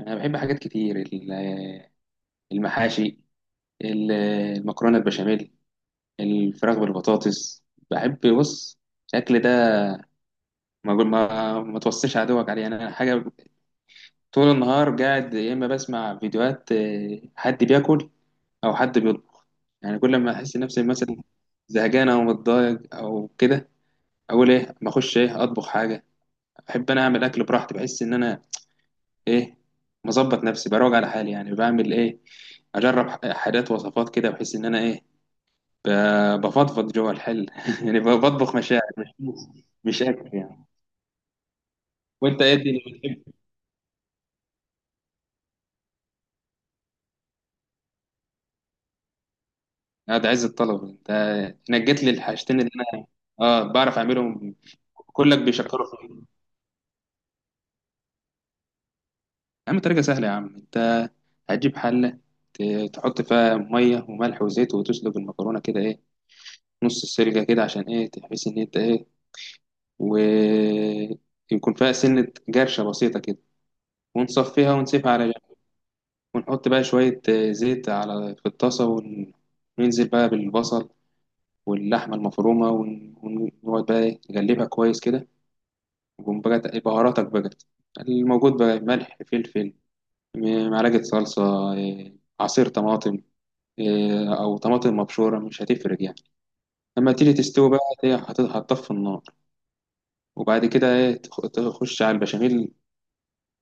انا بحب حاجات كتير المحاشي، ال- المكرونه البشاميل، الفراخ بالبطاطس. بحب بص الاكل ده. ما توصيش عدوك عليه، يعني انا حاجه طول النهار قاعد يا اما بسمع فيديوهات، حد بياكل او حد بيطبخ. يعني كل ما احس نفسي مثلا زهقان او متضايق او كده، اقول ايه ما اخش ايه اطبخ حاجه. بحب انا اعمل اكل براحتي، بحس ان انا ايه مظبط نفسي بروج على حالي. يعني بعمل ايه، اجرب حاجات وصفات كده بحيث ان انا ايه بفضفض جوه الحل يعني بطبخ مشاعر مش اكل يعني. وانت ايه الدنيا بتحب؟ اه، ده عز الطلب انت، نجيت لي الحاجتين اللي انا. اه، بعرف اعملهم، كلك بيشكروا فيا. يا عم طريقه سهله يا عم، انت هتجيب حله، تحط فيها ميه وملح وزيت وتسلق المكرونه كده، ايه، نص السلقه كده عشان ايه تحس ان انت ايه ويكون فيها سنة جرشة بسيطة كده، ونصفيها ونسيبها على جنب. ونحط بقى شوية زيت على في الطاسة، وننزل بقى بالبصل واللحمة المفرومة، ونقعد بقى إيه نقلبها كويس كده، ونقوم بقى بهاراتك بقى الموجود، بقى ملح فلفل معلقة صلصة، آه، عصير طماطم، أو طماطم مبشورة مش هتفرق يعني. لما تيجي تستوي بقى هتطفي النار، وبعد كده إيه تخش على البشاميل.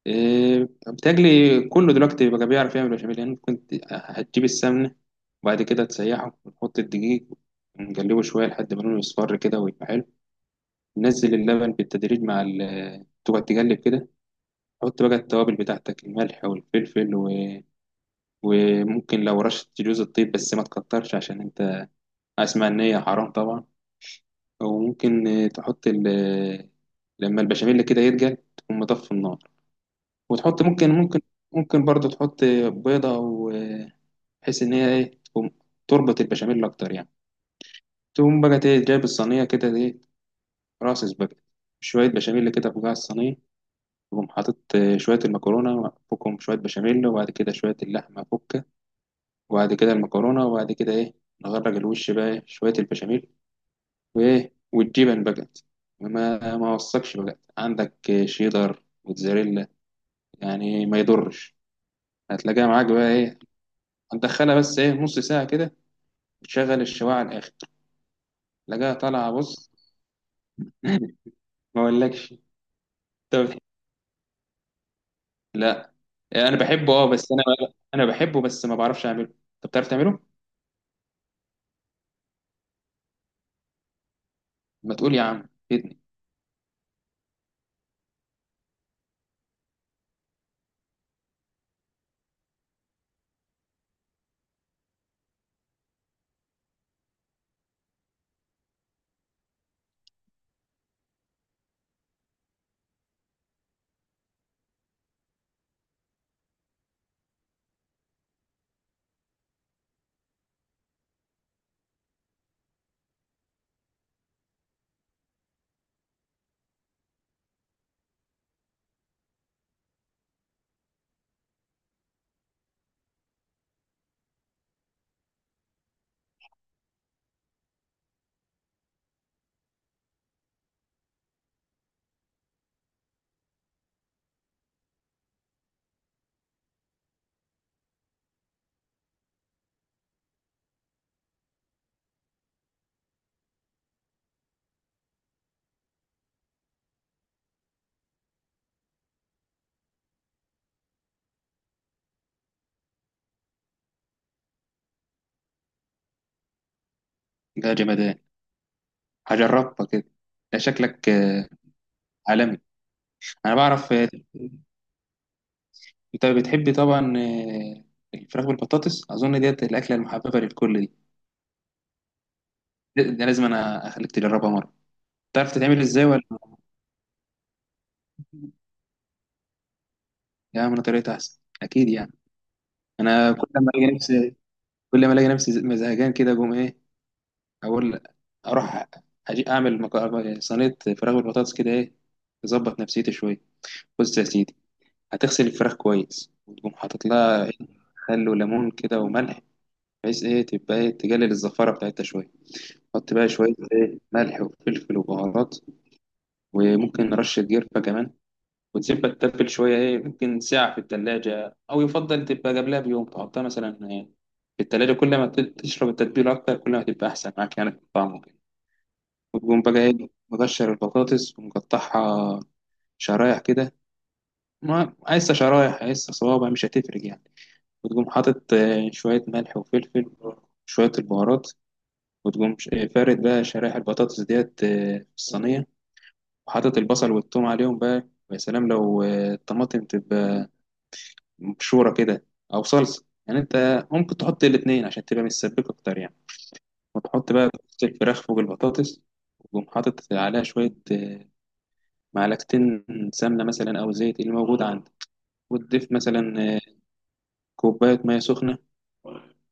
بتجلي كله دلوقتي بقى بيعرف يعمل بشاميل يعني، كنت هتجيب السمنة وبعد كده تسيحه وتحط الدقيق ونقلبه شوية لحد ما لونه يصفر كده ويبقى حلو. نزل اللبن بالتدريج مع ال تقعد تقلب كده، حط بقى التوابل بتاعتك الملح والفلفل وممكن لو رشة جوز الطيب بس ما تكترش، عشان انت اسمع ان هي حرام طبعا. وممكن تحط ال... آه، لما البشاميل كده يتقل تقوم مطفي النار، وتحط ممكن برضو تحط بيضة أو، بحيث ان هي ايه تقوم تربط البشاميل اكتر يعني. تقوم بقى ايه جايب الصينيه كده، ايه راس بقى شويه بشاميل كده فوق الصينيه، تقوم حاطط شويه المكرونه فوقهم، شويه بشاميل وبعد كده شويه اللحمه فوقها، وبعد كده المكرونه وبعد كده ايه نغرق الوش بقى إيه؟ شويه البشاميل وايه والجبن بقى، ما وصكش بقى عندك شيدر موتزاريلا يعني ما يضرش، هتلاقيها معاك بقى ايه هتدخلها بس ايه نص ساعه كده وتشغل الشوايه على الاخر، تلاقيها طالعه بص. ما اقولكش. طب لا انا بحبه، اه، بس انا بحبه بس ما بعرفش اعمله، انت بتعرف تعمله؟ ما تقول يا عم فيدني. ده جمدان، هجربها كده، ده شكلك عالمي. انا بعرف انت بتحب طبعا الفراخ بالبطاطس، اظن ديت الاكله المحببه للكل دي، ده لازم انا اخليك تجربها مره. تعرف تتعمل ازاي ولا؟ يا من طريقتها احسن اكيد يعني. انا كل ما الاقي نفسي زهقان كده اقوم ايه، اقول اروح اجي اعمل صينيه فراخ بالبطاطس كده ايه تظبط نفسيتي شويه. بص يا سيدي، هتغسل الفراخ كويس وتقوم حاطط لها إيه؟ خل وليمون كده وملح بحيث ايه تبقى ايه تقلل الزفاره بتاعتها شويه. حط بقى شويه ايه ملح وفلفل وبهارات، وممكن رشه قرفه كمان، وتسيبها تتبل شويه ايه ممكن ساعه في التلاجة، او يفضل تبقى قبلها بيوم تحطها مثلا في التلاجة، كل ما تشرب التتبيله اكتر كل ما تبقى احسن معاك يعني في الطعم وكده. وتقوم بقى ايه مقشر البطاطس ومقطعها شرايح كده، ما عايزة شرايح عايزة صوابع مش هتفرق يعني، وتقوم حاطط شوية ملح وفلفل وشوية البهارات، وتقوم فارد بقى شرايح البطاطس ديت في الصينية، وحاطط البصل والثوم عليهم بقى. ويا سلام لو الطماطم تبقى مبشورة كده أو صلصة يعني، أنت ممكن تحط الاتنين عشان تبقى متسبكة أكتر يعني. وتحط بقى الفراخ فوق البطاطس، وتقوم حاطط عليها شوية معلقتين سمنة مثلا أو زيت اللي موجود عندك، وتضيف مثلا آه، كوباية مية سخنة،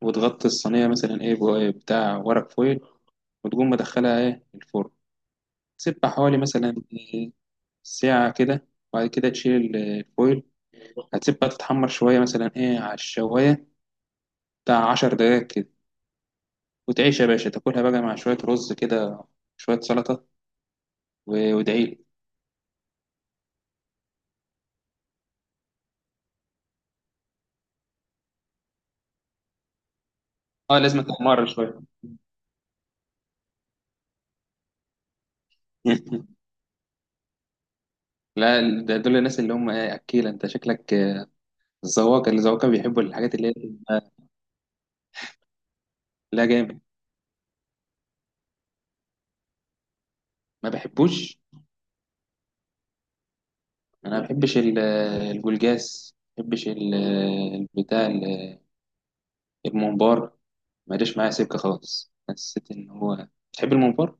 وتغطي الصينية مثلا إيه بتاع ورق فويل، وتقوم مدخلها إيه الفرن، تسيبها حوالي مثلا آه، ساعة كده، وبعد كده تشيل الفويل، هتسيبها تتحمر شوية مثلا إيه على الشواية بتاع 10 دقايق كده، وتعيش يا باشا تاكلها بقى مع شوية رز كده، شوية سلطة، وادعيلي. اه لازم تحمر شوية. لا ده دول الناس اللي هم إيه أكيلة أنت شكلك، بس هو كان بيحب الحاجات اللي هي. لا جامد، ما بحبوش. انا ما بحبش الجولجاس، ما بحبش البتاع الممبار، ما جاش معايا سكه خالص، حسيت ان هو بتحب الممبار.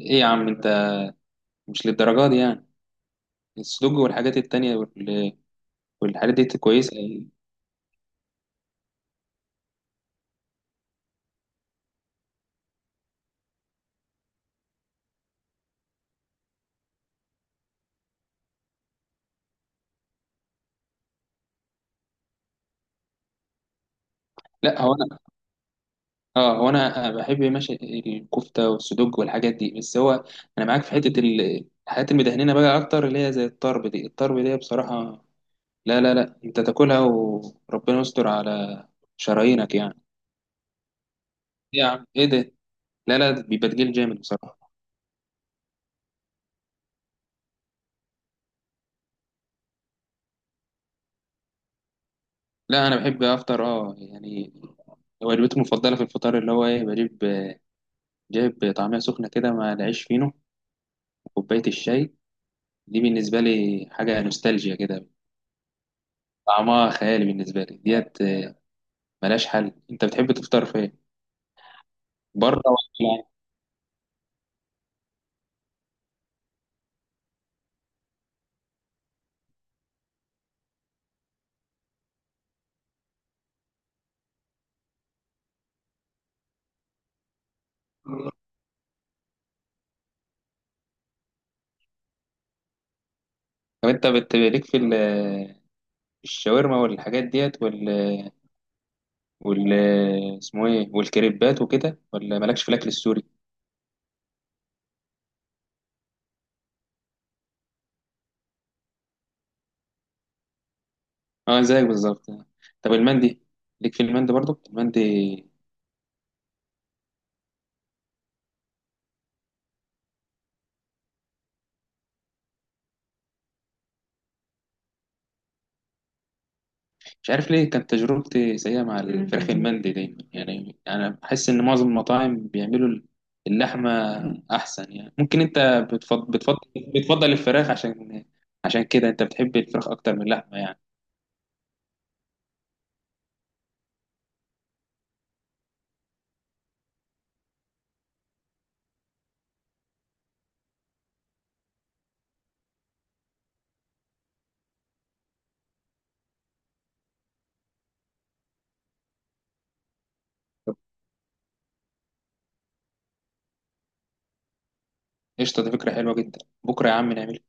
ايه يا عم انت، مش للدرجه دي يعني، السدوج والحاجات التانية والحاجات دي كويسه يعني. لا هو انا، اه، هو انا بحب ماشي الكفته والسدوج والحاجات دي، بس هو انا معاك في حته الحاجات المدهنينه بقى اكتر اللي هي زي الطرب دي، الطرب دي بصراحه لا لا لا، انت تاكلها وربنا يستر على شرايينك يعني. إيه يا عم ايه ده، لا لا، ده بيبقى تقيل جامد بصراحه. لا انا بحب افطر اه يعني، وجبتي المفضله في الفطار اللي هو ايه بجيب جايب طعميه سخنه كده مع العيش فينو وكوبايه الشاي، دي بالنسبه لي حاجه نوستالجيا كده، طعمها خيالي بالنسبه لي ديت، ملهاش حل. انت بتحب تفطر فين، بره ولا يعني؟ طب انت ليك في الشاورما والحاجات ديت وال اسمه ايه والكريبات وكده، ولا مالكش في الاكل السوري؟ اه زيك بالظبط. طب المندي، ليك في المندي برضو المندي؟ مش عارف ليه كانت تجربتي سيئة مع الفراخ المندي دايما، يعني انا بحس ان معظم المطاعم بيعملوا اللحمة احسن، يعني ممكن انت بتفضل بتفضل بتفضل الفراخ، عشان كده انت بتحب الفراخ اكتر من اللحمة يعني. طب قشطة، دي فكرة حلوة جدا، بكرة يا عم نعمل.